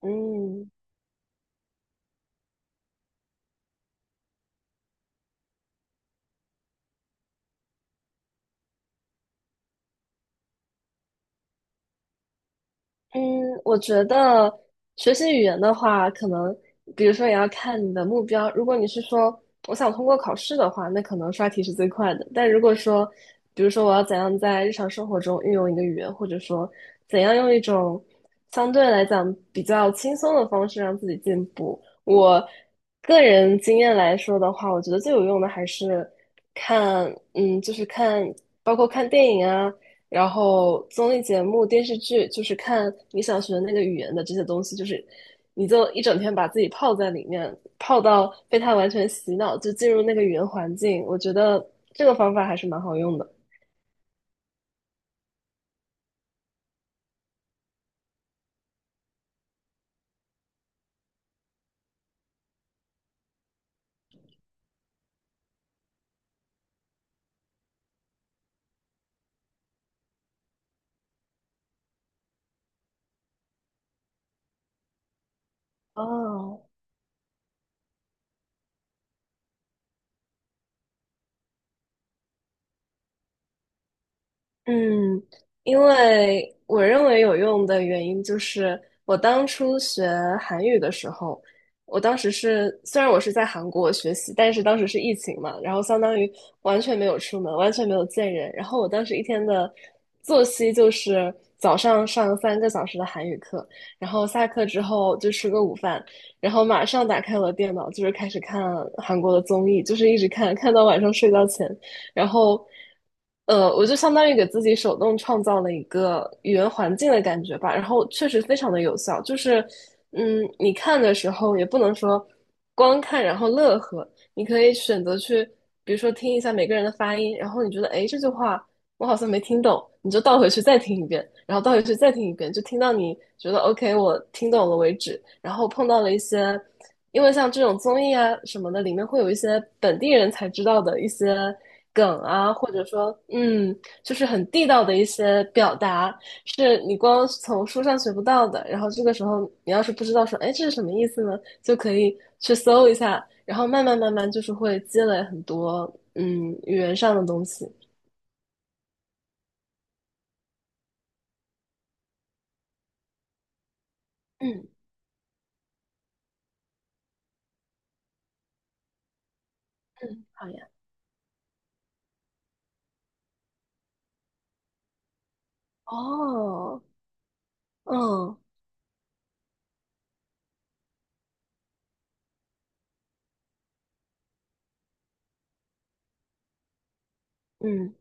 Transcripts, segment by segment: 嗯嗯，我觉得学习语言的话，可能比如说也要看你的目标。如果你是说我想通过考试的话，那可能刷题是最快的。但如果说，比如说我要怎样在日常生活中运用一个语言，或者说怎样用一种相对来讲比较轻松的方式让自己进步，我个人经验来说的话，我觉得最有用的还是看，就是看，包括看电影啊。然后综艺节目、电视剧就是看你想学的那个语言的这些东西，就是你就一整天把自己泡在里面，泡到被它完全洗脑，就进入那个语言环境。我觉得这个方法还是蛮好用的。哦，嗯，因为我认为有用的原因就是，我当初学韩语的时候，我当时是虽然我是在韩国学习，但是当时是疫情嘛，然后相当于完全没有出门，完全没有见人。然后我当时一天的作息就是早上上三个小时的韩语课，然后下课之后就吃个午饭，然后马上打开我的电脑，就是开始看韩国的综艺，就是一直看，看到晚上睡觉前。然后，我就相当于给自己手动创造了一个语言环境的感觉吧，然后确实非常的有效，就是，你看的时候也不能说光看然后乐呵，你可以选择去，比如说听一下每个人的发音，然后你觉得，哎，这句话我好像没听懂，你就倒回去再听一遍，然后倒回去再听一遍，就听到你觉得 OK，我听懂了为止。然后碰到了一些，因为像这种综艺啊什么的，里面会有一些本地人才知道的一些梗啊，或者说，就是很地道的一些表达，是你光从书上学不到的。然后这个时候，你要是不知道说，哎，这是什么意思呢，就可以去搜一下，然后慢慢慢慢就是会积累很多，语言上的东西。嗯。嗯，好呀。哦，嗯嗯，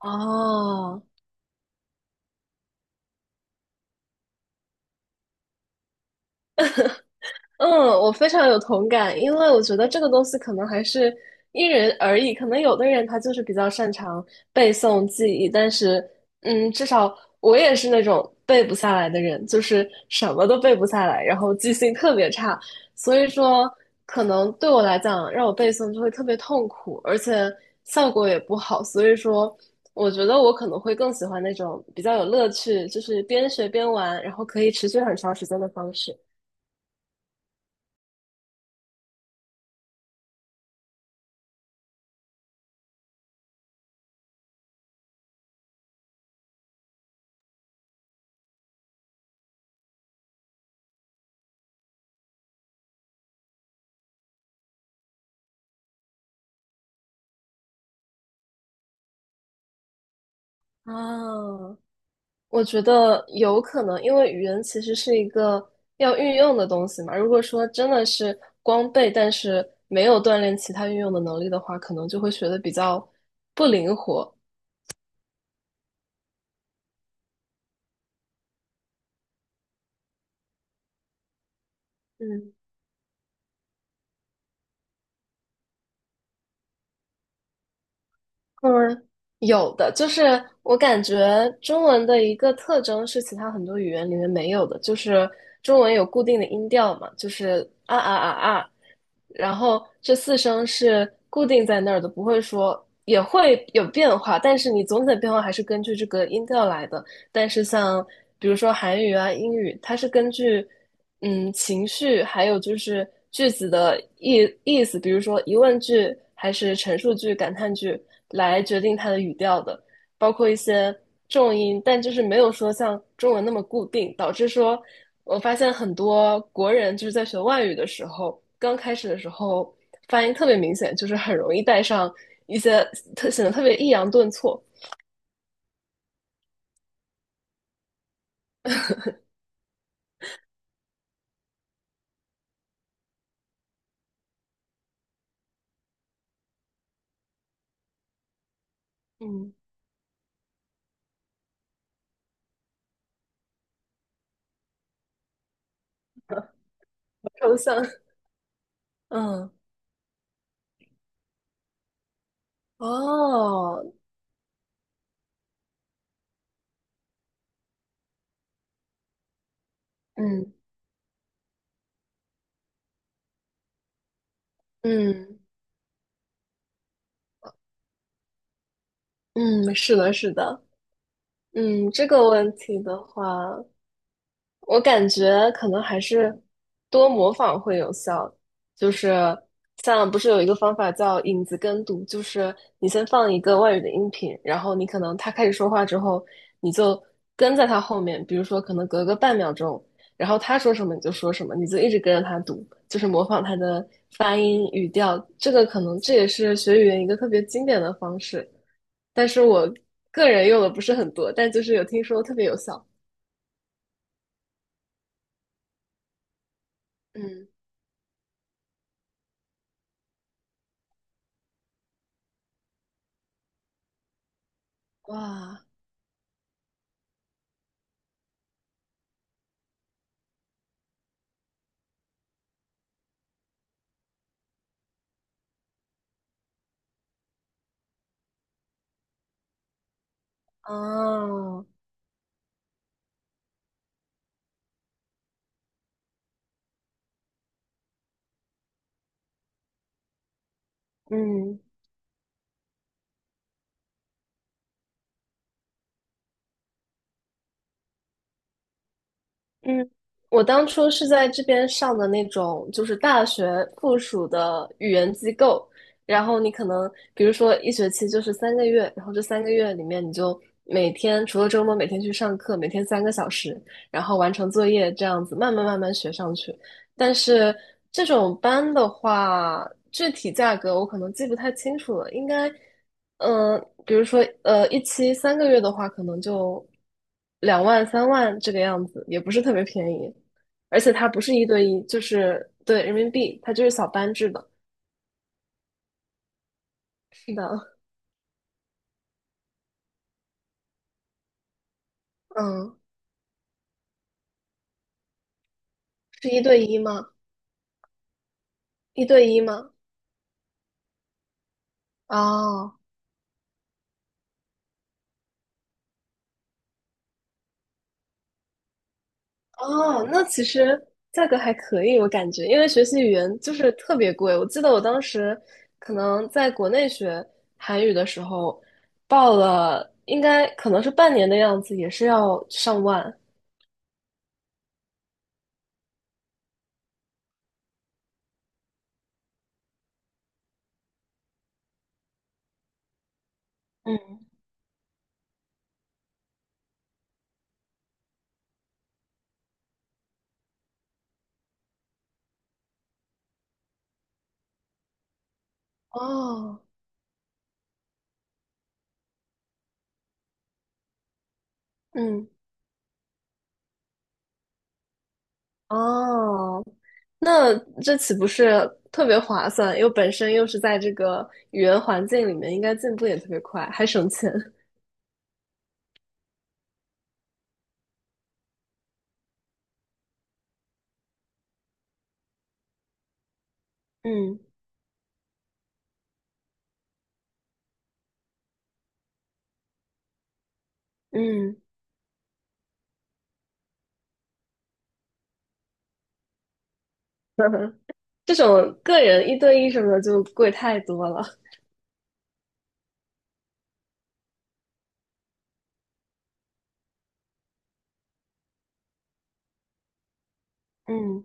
哦，嗯，我非常有同感，因为我觉得这个东西可能还是因人而异，可能有的人他就是比较擅长背诵记忆，但是，至少我也是那种背不下来的人，就是什么都背不下来，然后记性特别差，所以说可能对我来讲，让我背诵就会特别痛苦，而且效果也不好，所以说。我觉得我可能会更喜欢那种比较有乐趣，就是边学边玩，然后可以持续很长时间的方式。啊，我觉得有可能，因为语言其实是一个要运用的东西嘛。如果说真的是光背，但是没有锻炼其他运用的能力的话，可能就会学的比较不灵活。嗯嗯，有的，就是我感觉中文的一个特征是其他很多语言里面没有的，就是中文有固定的音调嘛，就是啊啊啊啊，然后这4声是固定在那儿的，不会说也会有变化，但是你总体的变化还是根据这个音调来的。但是像比如说韩语啊、英语，它是根据情绪，还有就是句子的意思，比如说疑问句还是陈述句、感叹句来决定它的语调的，包括一些重音，但就是没有说像中文那么固定，导致说我发现很多国人就是在学外语的时候，刚开始的时候发音特别明显，就是很容易带上一些特显得特别抑扬顿挫，嗯，抽象，嗯。哦，嗯嗯嗯，是的，是的，这个问题的话，我感觉可能还是多模仿会有效，就是像不是有一个方法叫影子跟读，就是你先放一个外语的音频，然后你可能他开始说话之后，你就跟在他后面，比如说可能隔个半秒钟，然后他说什么你就说什么，你就一直跟着他读，就是模仿他的发音、语调，这个可能这也是学语言一个特别经典的方式，但是我个人用的不是很多，但就是有听说特别有效，嗯，哇。哦，嗯嗯，我当初是在这边上的那种，就是大学附属的语言机构，然后你可能比如说一学期就是三个月，然后这三个月里面你就每天除了周末每天去上课，每天三个小时，然后完成作业这样子，慢慢慢慢学上去。但是这种班的话，具体价格我可能记不太清楚了，应该，嗯、比如说，一期三个月的话，可能就2万3万这个样子，也不是特别便宜，而且它不是一对一，就是对人民币，它就是小班制的。是的，嗯，是一对一吗？一对一吗？哦，哦，那其实价格还可以，我感觉，因为学习语言就是特别贵。我记得我当时可能在国内学韩语的时候，报了应该可能是半年的样子，也是要上万。嗯，哦，嗯，哦，那这岂不是特别划算？又本身又是在这个语言环境里面，应该进步也特别快，还省钱。嗯嗯，这种个人一对一什么的就贵太多了。嗯，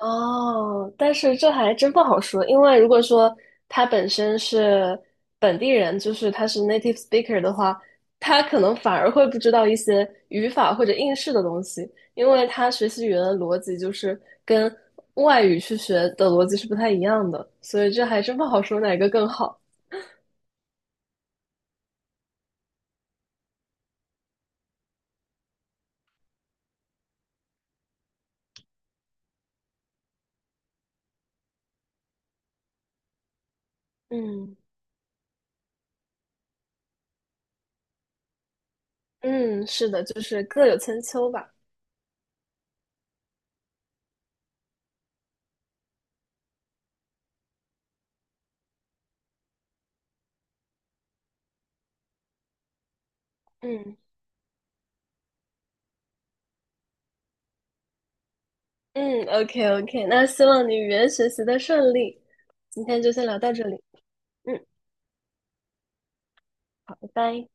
哦，但是这还真不好说，因为如果说他本身是本地人，就是他是 native speaker 的话，他可能反而会不知道一些语法或者应试的东西，因为他学习语言的逻辑就是跟外语去学的逻辑是不太一样的，所以这还真不好说哪个更好。嗯嗯，是的，就是各有千秋吧。嗯嗯，OK OK，那希望你语言学习的顺利，今天就先聊到这里。嗯。好拜拜。